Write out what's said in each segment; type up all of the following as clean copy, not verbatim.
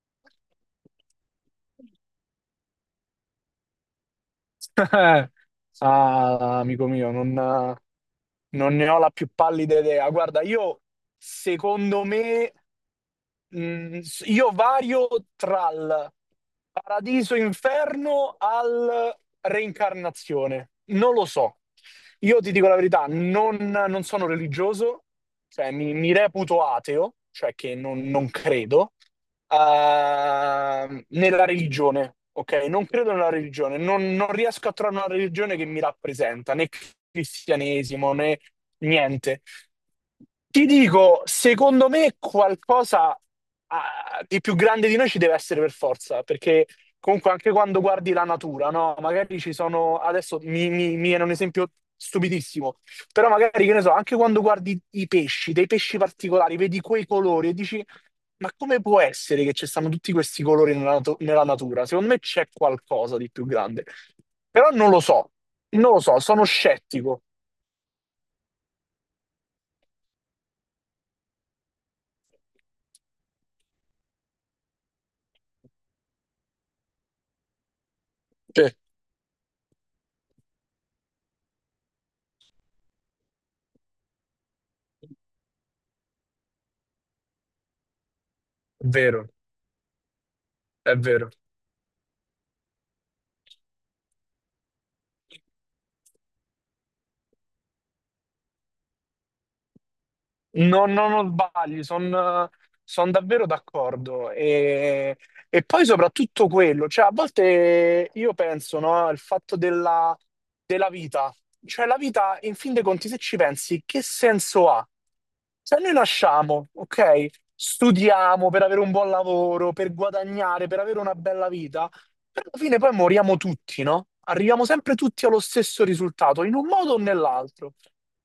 Ah, amico mio, non ne ho la più pallida idea. Guarda, io secondo me. Io vario tra il paradiso inferno al reincarnazione. Non lo so. Io ti dico la verità, non sono religioso, cioè mi reputo ateo, cioè che non credo nella religione, ok? Non credo nella religione, non riesco a trovare una religione che mi rappresenta, né cristianesimo né niente. Ti dico, secondo me qualcosa di più grande di noi ci deve essere per forza, perché comunque anche quando guardi la natura, no? Magari ci sono, adesso mi viene un esempio stupidissimo, però magari, che ne so, anche quando guardi i pesci, dei pesci particolari, vedi quei colori e dici, ma come può essere che ci stanno tutti questi colori nella natura? Secondo me c'è qualcosa di più grande. Però non lo so, non lo so, sono scettico. Sì. È vero, è vero. No, no, non sbagli, sono davvero d'accordo. E poi soprattutto quello, cioè a volte io penso, no, al fatto della vita. Cioè la vita, in fin dei conti, se ci pensi, che senso ha? Se noi nasciamo, ok? Studiamo per avere un buon lavoro, per guadagnare, per avere una bella vita. Però alla fine poi moriamo tutti, no? Arriviamo sempre tutti allo stesso risultato, in un modo o nell'altro.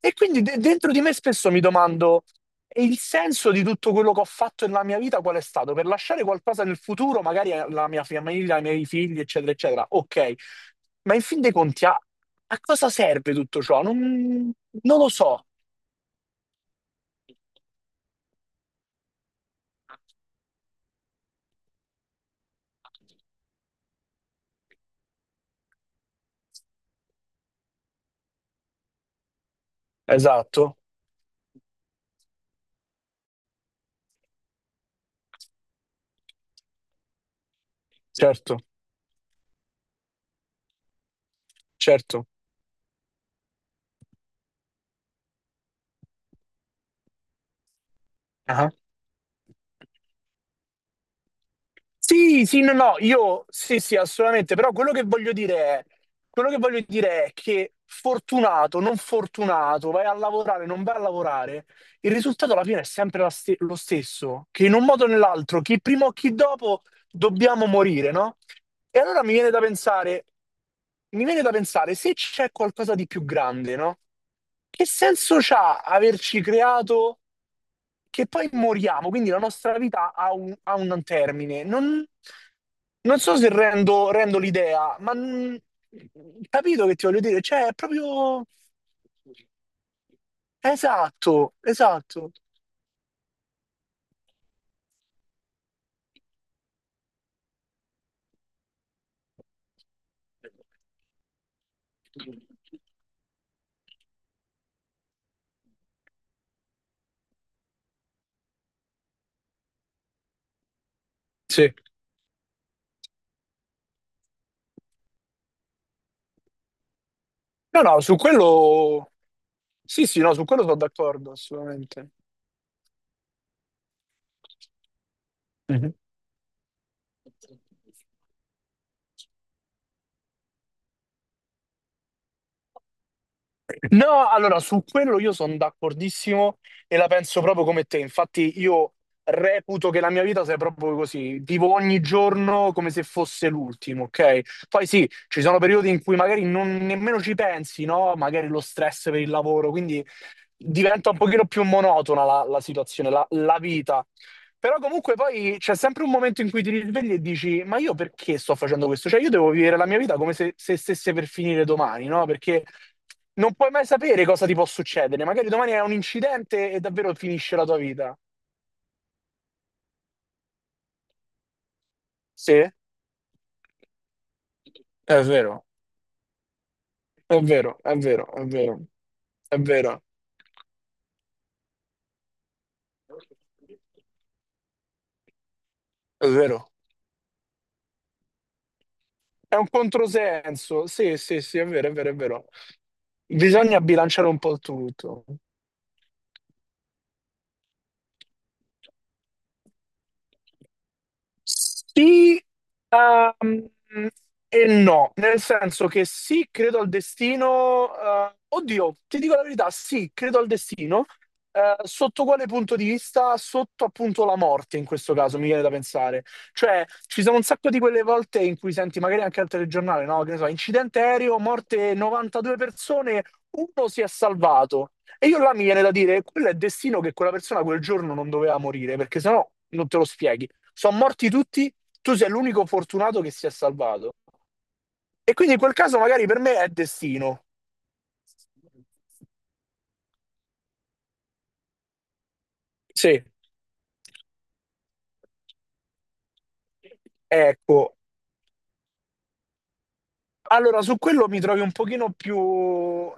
E quindi dentro di me spesso mi domando, e il senso di tutto quello che ho fatto nella mia vita qual è stato? Per lasciare qualcosa nel futuro, magari alla mia famiglia, ai miei figli, eccetera, eccetera. Ok, ma in fin dei conti, a cosa serve tutto ciò? Non lo so. Esatto, certo, certo. Ah. Sì, sì, no, no, io sì, sì, assolutamente, però quello che voglio dire è che fortunato, non fortunato, vai a lavorare, non vai a lavorare, il risultato alla fine è sempre lo stesso, che in un modo o nell'altro, chi prima o chi dopo, dobbiamo morire, no? E allora mi viene da pensare, mi viene da pensare se c'è qualcosa di più grande, no? Che senso c'ha averci creato che poi moriamo? Quindi la nostra vita ha un termine. Non, non so se rendo l'idea, ma capito che ti voglio dire? Cioè, è proprio... Esatto, esatto. Sì. No, no, su quello... Sì, sì, no, su quello sono d'accordo, assolutamente. Mhm. No, allora su quello io sono d'accordissimo e la penso proprio come te. Infatti, io reputo che la mia vita sia proprio così. Vivo ogni giorno come se fosse l'ultimo, ok? Poi sì, ci sono periodi in cui magari non nemmeno ci pensi, no? Magari lo stress per il lavoro, quindi diventa un pochino più monotona la situazione, la vita. Però comunque poi c'è sempre un momento in cui ti risvegli e dici, ma io perché sto facendo questo? Cioè io devo vivere la mia vita come se stesse per finire domani, no? Perché non puoi mai sapere cosa ti può succedere. Magari domani è un incidente e davvero finisce la tua vita. Sì, è vero, è vero, è vero, è vero, è vero, è vero. È un controsenso. Sì, sì, sì, è vero, è vero, è vero. Bisogna bilanciare un po' tutto. Sì, ehm, e no, nel senso che sì, credo al destino. Eh, oddio, ti dico la verità, sì, credo al destino. Eh, sotto quale punto di vista? Sotto appunto la morte, in questo caso, mi viene da pensare. Cioè, ci sono un sacco di quelle volte in cui senti magari anche al telegiornale, no? Che ne so, incidente aereo, morte 92 persone, uno si è salvato. E io là mi viene da dire, quello è destino che quella persona quel giorno non doveva morire, perché sennò non te lo spieghi. Sono morti tutti, tu sei l'unico fortunato che si è salvato. E quindi in quel caso magari per me è destino. Sì, ecco, allora, su quello mi trovi un pochino più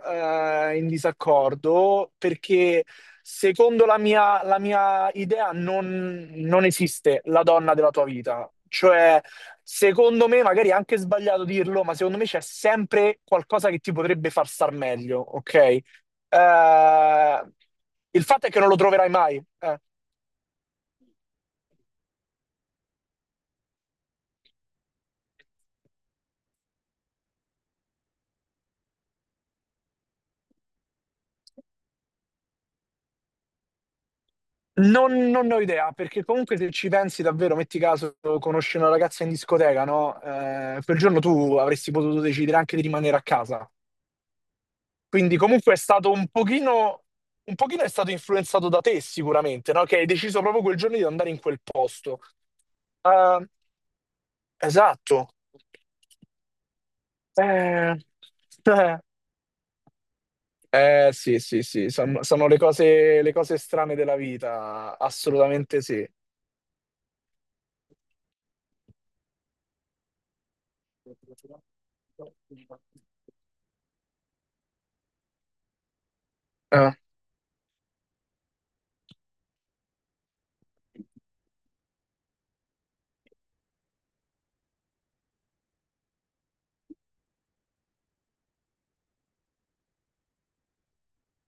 in disaccordo perché secondo la mia idea non, non esiste la donna della tua vita. Cioè, secondo me, magari è anche sbagliato dirlo, ma secondo me c'è sempre qualcosa che ti potrebbe far star meglio, ok? Il fatto è che non lo troverai mai. Eh. Non, non ne ho idea, perché comunque se ci pensi davvero, metti caso, conosci una ragazza in discoteca, no? Quel giorno tu avresti potuto decidere anche di rimanere a casa. Quindi comunque è stato un pochino è stato influenzato da te sicuramente, no? Che hai deciso proprio quel giorno di andare in quel posto. Eh, esatto. Eh, eh, sì, sì, sì, sono, sono le cose strane della vita, assolutamente sì. Eh,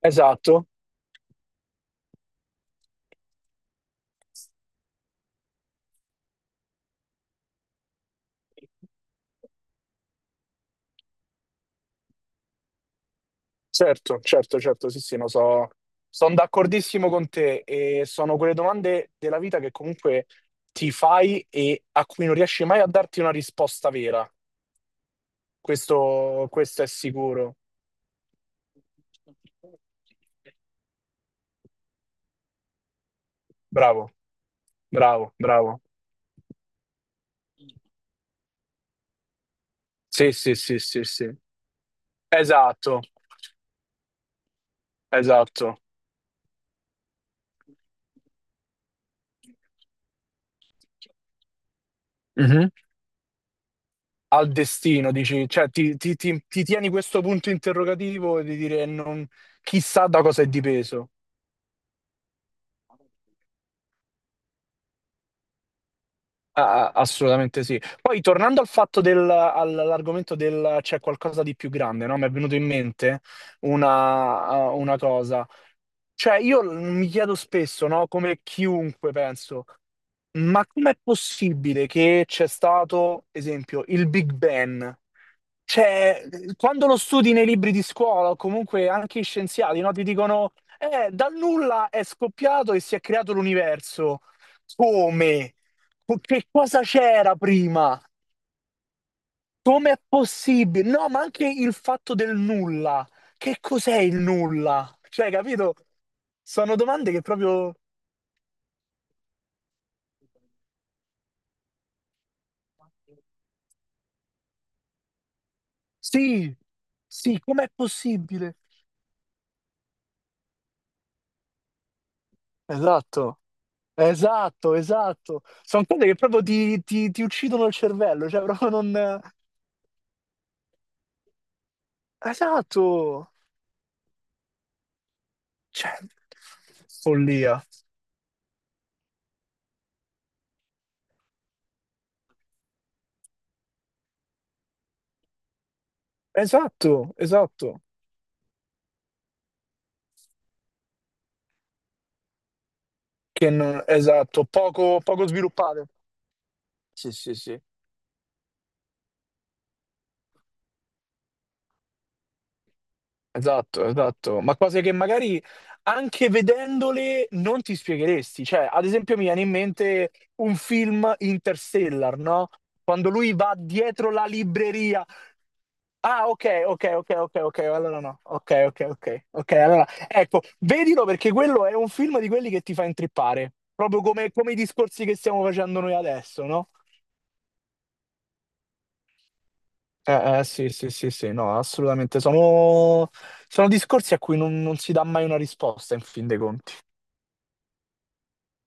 esatto, certo, certo, certo, sì, sì, no, so, sono d'accordissimo con te e sono quelle domande della vita che comunque ti fai e a cui non riesci mai a darti una risposta vera, questo è sicuro. Bravo, bravo, bravo. Sì, sì, sì, sì, sì. Esatto, esatto. Mhm. Al destino, dici, cioè ti, ti tieni questo punto interrogativo e di dire non, chissà da cosa è dipeso. Ah, ah, assolutamente sì. Poi tornando al fatto del, all'argomento del c'è qualcosa di più grande, no? Mi è venuto in mente una, una cosa. Cioè, io mi chiedo spesso, no? Come chiunque penso, ma com'è possibile che c'è stato, esempio, il Big Bang? Cioè, quando lo studi nei libri di scuola o comunque anche i scienziati, no, ti dicono, dal nulla è scoppiato e si è creato l'universo. Come? Che cosa c'era prima? Com'è possibile? No, ma anche il fatto del nulla. Che cos'è il nulla? Cioè, capito? Sono domande che proprio... Sì, sì, com'è possibile? Esatto, esatto, esatto. Sono cose che proprio ti, ti uccidono il cervello, cioè proprio non... Esatto, cioè, follia. Esatto, esatto. Che non... Esatto, poco, poco sviluppate. Sì, sì, sì. Esatto, esatto, ma cose che magari anche vedendole non ti spiegheresti. Cioè, ad esempio mi viene in mente un film Interstellar, no, quando lui va dietro la libreria. Ah okay, okay, okay, okay, okay, allora no. Okay, okay, okay, okay, allora ecco, vedilo perché quello è un film di quelli che ti fa intrippare, proprio come come i discorsi che stiamo facendo noi adesso, no. Sì, sì, sì, sì, no, assolutamente. Sono sono discorsi a cui non non si dà mai una risposta in fin dei conti.